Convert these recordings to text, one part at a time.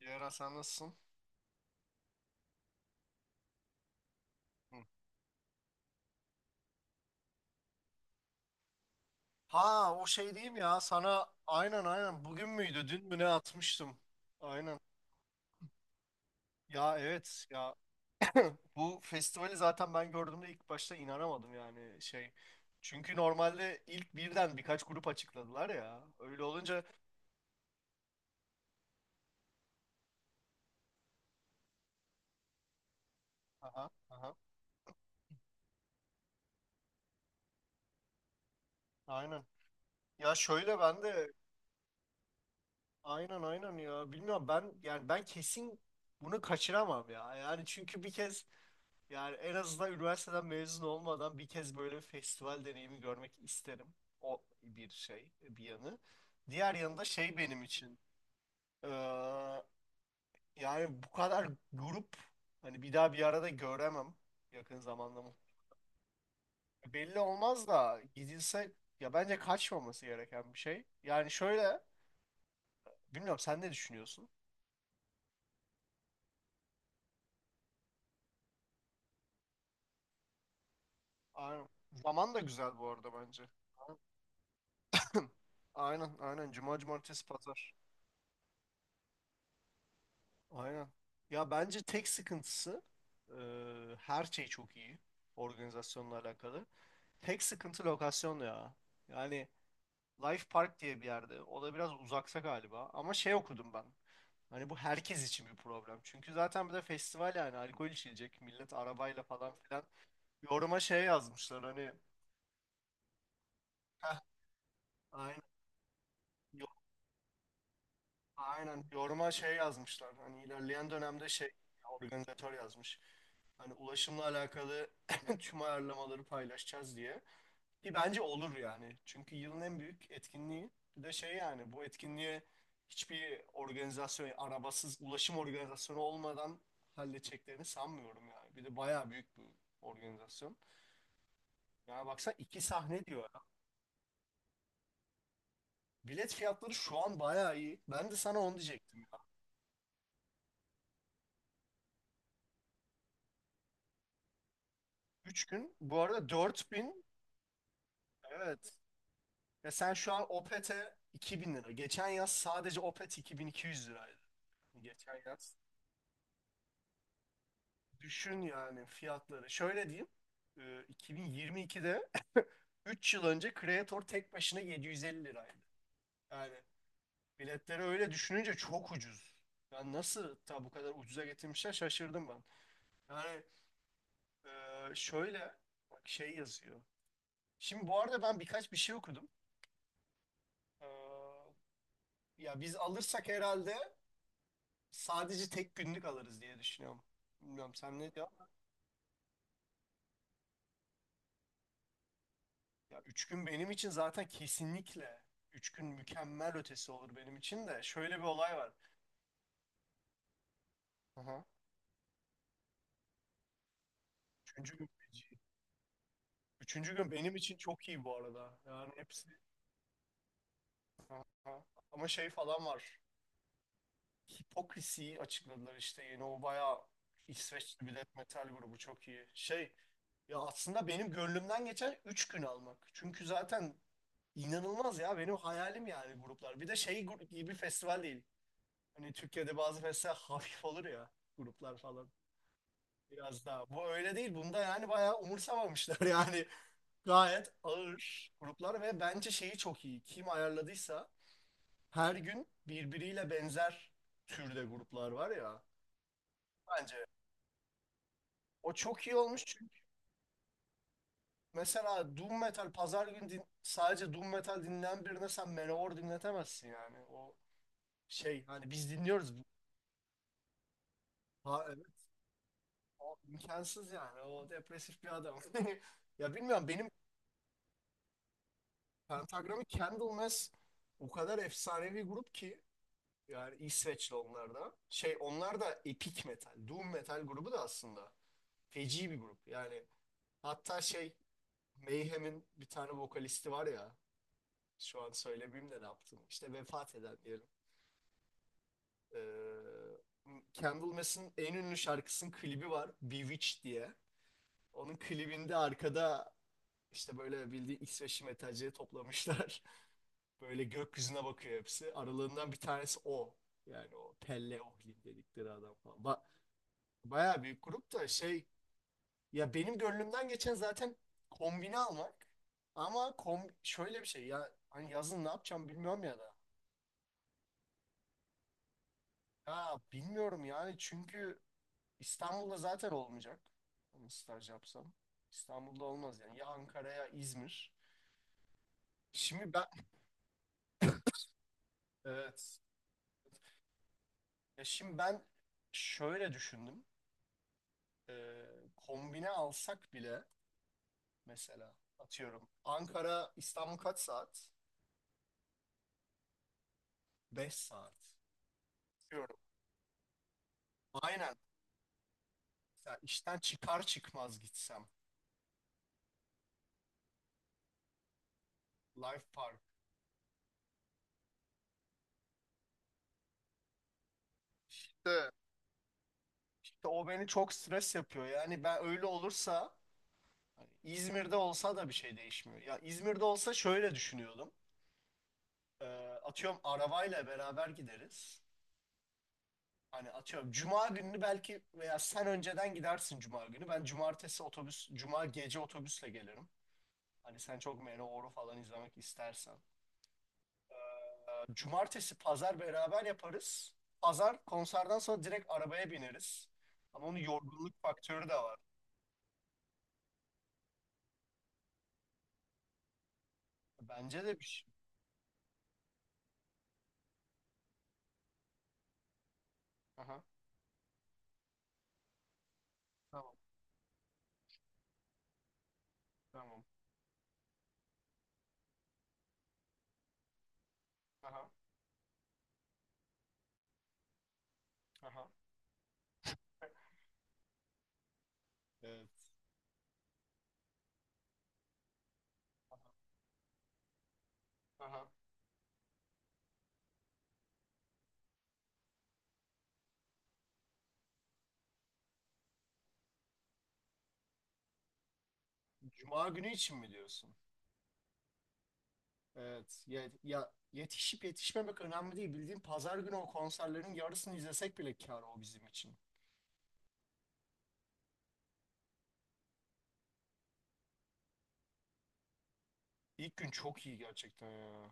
Yara, sen nasılsın? Hı. Ha, o şey değil mi ya sana aynen aynen bugün müydü dün mü ne atmıştım. Aynen. Ya evet ya bu festivali zaten ben gördüğümde ilk başta inanamadım yani şey. Çünkü normalde ilk birden birkaç grup açıkladılar ya. Öyle olunca aha, aha, aynen. Ya şöyle ben de aynen aynen ya bilmiyorum ben yani ben kesin bunu kaçıramam ya. Yani çünkü bir kez yani en azından üniversiteden mezun olmadan bir kez böyle bir festival deneyimi görmek isterim. O bir şey, bir yanı. Diğer yanı da şey benim için. eee, Yani bu kadar grup hani bir daha bir arada göremem yakın zamanda mı? Belli olmaz da gidilse ya bence kaçmaması gereken bir şey. Yani şöyle, bilmiyorum sen ne düşünüyorsun? Aynen. Zaman da güzel bu arada bence. Aynen, aynen. Aynen. Cuma, cumartesi, pazar. Aynen. Ya bence tek sıkıntısı, e, her şey çok iyi, organizasyonla alakalı. Tek sıkıntı lokasyon ya. Yani Life Park diye bir yerde. O da biraz uzaksa galiba. Ama şey okudum ben. Hani bu herkes için bir problem. Çünkü zaten bir de festival yani alkol içilecek. Millet arabayla falan filan. Yoruma şey yazmışlar hani. Heh, aynen. Aynen, yoruma şey yazmışlar. Hani ilerleyen dönemde şey, organizatör yazmış. Hani ulaşımla alakalı tüm ayarlamaları paylaşacağız diye. Ki bence olur yani. Çünkü yılın en büyük etkinliği. Bir de şey yani bu etkinliğe hiçbir organizasyon, arabasız ulaşım organizasyonu olmadan halledeceklerini sanmıyorum yani. Bir de bayağı büyük bir organizasyon. Yani baksana iki sahne diyor ya. Bilet fiyatları şu an bayağı iyi. Ben de sana onu diyecektim ya. 3 gün bu arada 4.000. Evet. Ya sen şu an Opet'e 2.000 lira. Geçen yaz sadece Opet 2200 liraydı. Geçen yaz. Düşün yani fiyatları. Şöyle diyeyim. e, 2022'de 3 yıl önce Creator tek başına 750 liraydı. Yani biletleri öyle düşününce çok ucuz. Yani nasıl ta bu kadar ucuza getirmişler şaşırdım ben. Yani e, şöyle bak şey yazıyor. Şimdi bu arada ben birkaç bir şey okudum. E, Ya biz alırsak herhalde sadece tek günlük alırız diye düşünüyorum. Bilmiyorum sen ne diyorsun? Ya üç gün benim için zaten kesinlikle 3 gün mükemmel ötesi olur benim için de. Şöyle bir olay var. Aha. Üçüncü gün feci. Üçüncü gün benim için çok iyi bu arada. Yani hepsi. Aha. Ama şey falan var. Hipokrisi'yi açıkladılar işte yeni o bayağı İsveçli bir death metal grubu çok iyi. Şey, ya aslında benim gönlümden geçen 3 gün almak. Çünkü zaten İnanılmaz ya benim hayalim yani gruplar. Bir de şey, gibi bir festival değil. Hani Türkiye'de bazı festival hafif olur ya, gruplar falan biraz daha. Bu öyle değil. Bunda yani bayağı umursamamışlar yani. Gayet ağır gruplar ve bence şeyi çok iyi. Kim ayarladıysa her gün birbiriyle benzer türde gruplar var ya. Bence o çok iyi olmuş çünkü mesela Doom Metal pazar günü sadece Doom Metal dinleyen birine sen Manowar dinletemezsin yani. O şey hani biz dinliyoruz. Ha, evet. O imkansız yani. O depresif bir adam. Ya bilmiyorum benim pentagramı, Candlemass o kadar efsanevi grup ki, yani İsveçli onlar da. Şey, onlar da epic metal, doom metal grubu da aslında. Feci bir grup. Yani hatta şey, Mayhem'in bir tane vokalisti var ya, şu an söylemeyeyim de ne yaptım. İşte vefat eden diyelim. Ee, Candlemass'ın en ünlü şarkısının klibi var. Bewitched diye. Onun klibinde arkada İşte böyle bildiğin İsveçli metalcileri toplamışlar. Böyle gökyüzüne bakıyor hepsi. Aralarından bir tanesi o. Yani o Pelle Ohlin dedikleri adam falan. Bayağı büyük grup da şey, ya benim gönlümden geçen zaten kombine almak. Ama şöyle bir şey ya hani yazın ne yapacağım bilmiyorum ya da. Ya bilmiyorum yani çünkü İstanbul'da zaten olmayacak. Hani staj yapsam. İstanbul'da olmaz yani. Ya Ankara ya İzmir. Şimdi ben, evet. Ya şimdi ben şöyle düşündüm. Ee, Kombine alsak bile mesela atıyorum Ankara İstanbul kaç saat? 5 saat. Diyorum. Aynen. Ya işten çıkar çıkmaz gitsem. Life Park. İşte İşte o beni çok stres yapıyor. Yani ben öyle olursa hani İzmir'de olsa da bir şey değişmiyor. Ya İzmir'de olsa şöyle düşünüyordum. Ee, Atıyorum arabayla beraber gideriz. Hani atıyorum cuma gününü belki veya sen önceden gidersin cuma günü. Ben cumartesi otobüs, cuma gece otobüsle gelirim. Hani sen çok Manowar'u falan izlemek istersen. Cumartesi, pazar beraber yaparız. Pazar konserden sonra direkt arabaya bineriz. Ama onun yorgunluk faktörü de var. Bence de bir şey. Aha, tamam, tamam. Aha, aha. Evet. Aha. Cuma günü için mi diyorsun? Evet. Ya, ya yetişip yetişmemek önemli değil. Bildiğin pazar günü o konserlerin yarısını izlesek bile kâr o bizim için. İlk gün çok iyi gerçekten ya.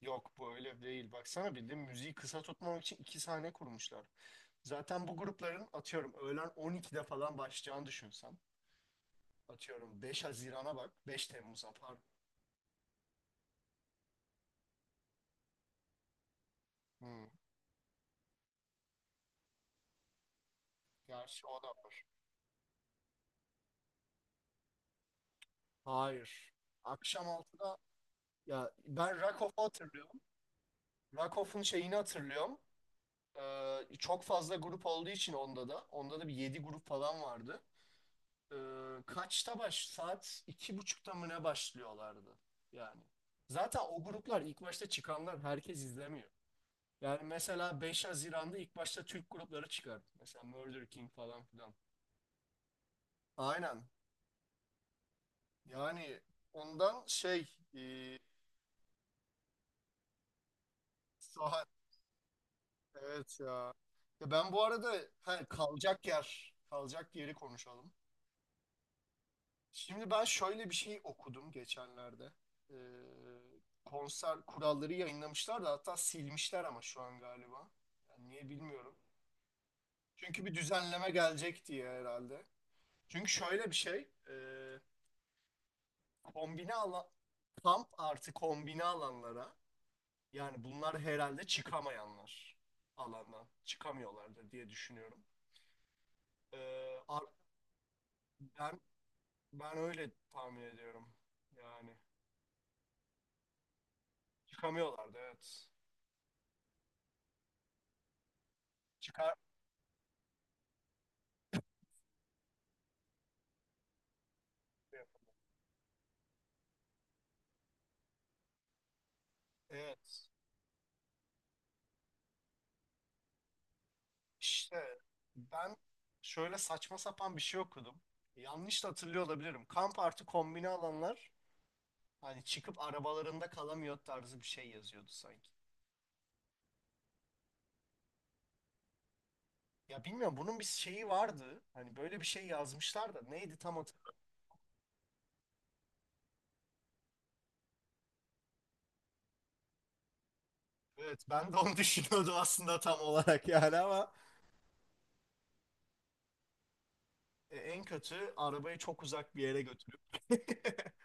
Yok, bu öyle değil. Baksana bildiğin müziği kısa tutmamak için iki sahne kurmuşlar. Zaten bu grupların atıyorum öğlen 12'de falan başlayacağını düşünsen. Atıyorum 5 Haziran'a bak. 5 Temmuz'a pardon. Hmm. Gerçi o da var. Hayır. Akşam 6'da, ya ben Rakof'u hatırlıyorum. Rakof'un şeyini hatırlıyorum. Çok fazla grup olduğu için onda da. Onda da bir 7 grup falan vardı. Kaçta baş? Saat 2.30'da mı ne başlıyorlardı? Yani. Zaten o gruplar ilk başta çıkanlar herkes izlemiyor. Yani mesela 5 Haziran'da ilk başta Türk grupları çıkar. Mesela Murder King falan filan. Aynen. Yani ondan şey, e, saat, evet ya. Ya ben bu arada ha, kalacak yeri konuşalım. Şimdi ben şöyle bir şey okudum geçenlerde. Ee, Konser kuralları yayınlamışlar da hatta silmişler ama şu an galiba. Yani niye bilmiyorum. Çünkü bir düzenleme gelecek diye herhalde. Çünkü şöyle bir şey. Kombine alan, kamp artı kombine alanlara yani bunlar herhalde çıkamayanlar alandan. Çıkamıyorlardır diye düşünüyorum. Ee, ar- ben, ben öyle tahmin ediyorum. Yani çıkamıyorlardı evet. Çıkar. Evet. İşte ben şöyle saçma sapan bir şey okudum. Yanlış da hatırlıyor olabilirim. Kamp artı kombine alanlar hani çıkıp arabalarında kalamıyor tarzı bir şey yazıyordu sanki. Ya bilmiyorum bunun bir şeyi vardı. Hani böyle bir şey yazmışlar da neydi tam hatırlamıyorum. Evet, ben de onu düşünüyordum aslında tam olarak yani ama en kötü arabayı çok uzak bir yere götürüp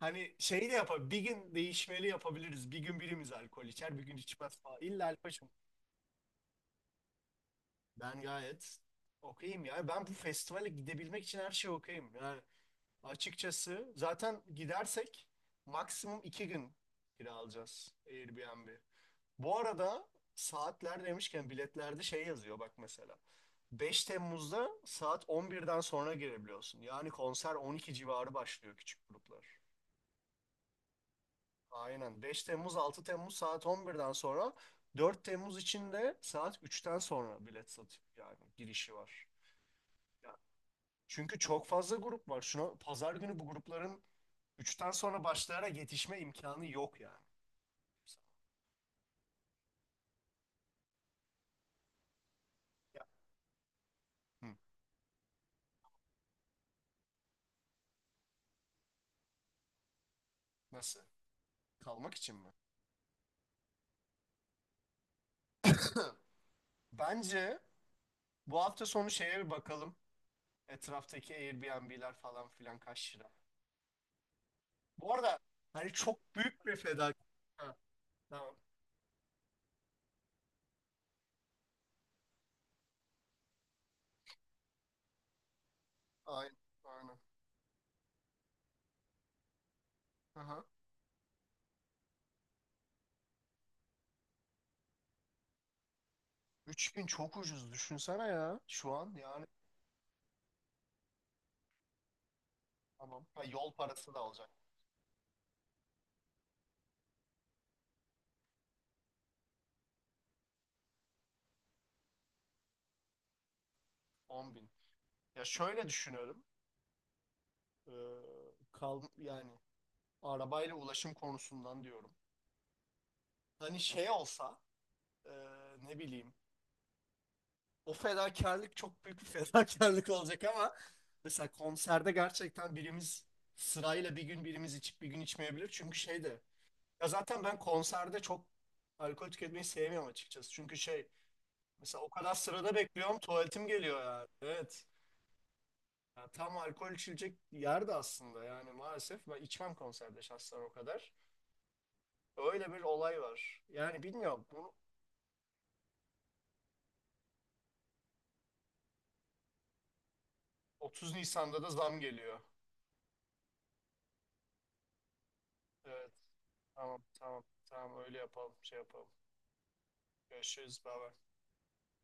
hani şey de yapar bir gün değişmeli yapabiliriz. Bir gün birimiz alkol içer bir gün içmez falan. İlla alkol ben gayet okeyim ya. Ben bu festivale gidebilmek için her şey okeyim. Yani açıkçası zaten gidersek maksimum 2 gün kira alacağız Airbnb. Bu arada saatler demişken biletlerde şey yazıyor bak mesela. 5 Temmuz'da saat 11'den sonra girebiliyorsun. Yani konser 12 civarı başlıyor küçük gruplar. Aynen. 5 Temmuz, 6 Temmuz saat 11'den sonra, 4 Temmuz için de saat 3'ten sonra bilet satıyor yani girişi var. Çünkü çok fazla grup var. Şuna, pazar günü bu grupların üçten sonra başlayarak yetişme imkanı yok yani. Ya, hı, nasıl? Kalmak için mi? Bence bu hafta sonu şeye bir bakalım. Etraftaki Airbnb'ler falan filan kaç lira. Bu arada hani çok büyük bir fedakarlık. Ha, tamam. Aynen. Aynen. Aha. 3.000 çok ucuz düşünsene ya şu an yani. Tamam. Ha, yol parası da alacak. 10.000. Ya şöyle düşünüyorum. Ee, Kal yani arabayla ulaşım konusundan diyorum. Hani şey olsa e, ne bileyim, o fedakarlık çok büyük bir fedakarlık olacak ama mesela konserde gerçekten birimiz sırayla bir gün birimiz içip bir gün içmeyebilir. Çünkü şey de, ya zaten ben konserde çok alkol tüketmeyi sevmiyorum açıkçası. Çünkü şey, mesela o kadar sırada bekliyorum tuvaletim geliyor yani. Evet. Ya tam alkol içilecek yerde aslında yani maalesef ben içmem konserde şahsen o kadar. Öyle bir olay var. Yani bilmiyorum. Bunu 30 Nisan'da da zam geliyor. Evet. Tamam, tamam, tamam, öyle yapalım, şey yapalım. Görüşürüz, baba.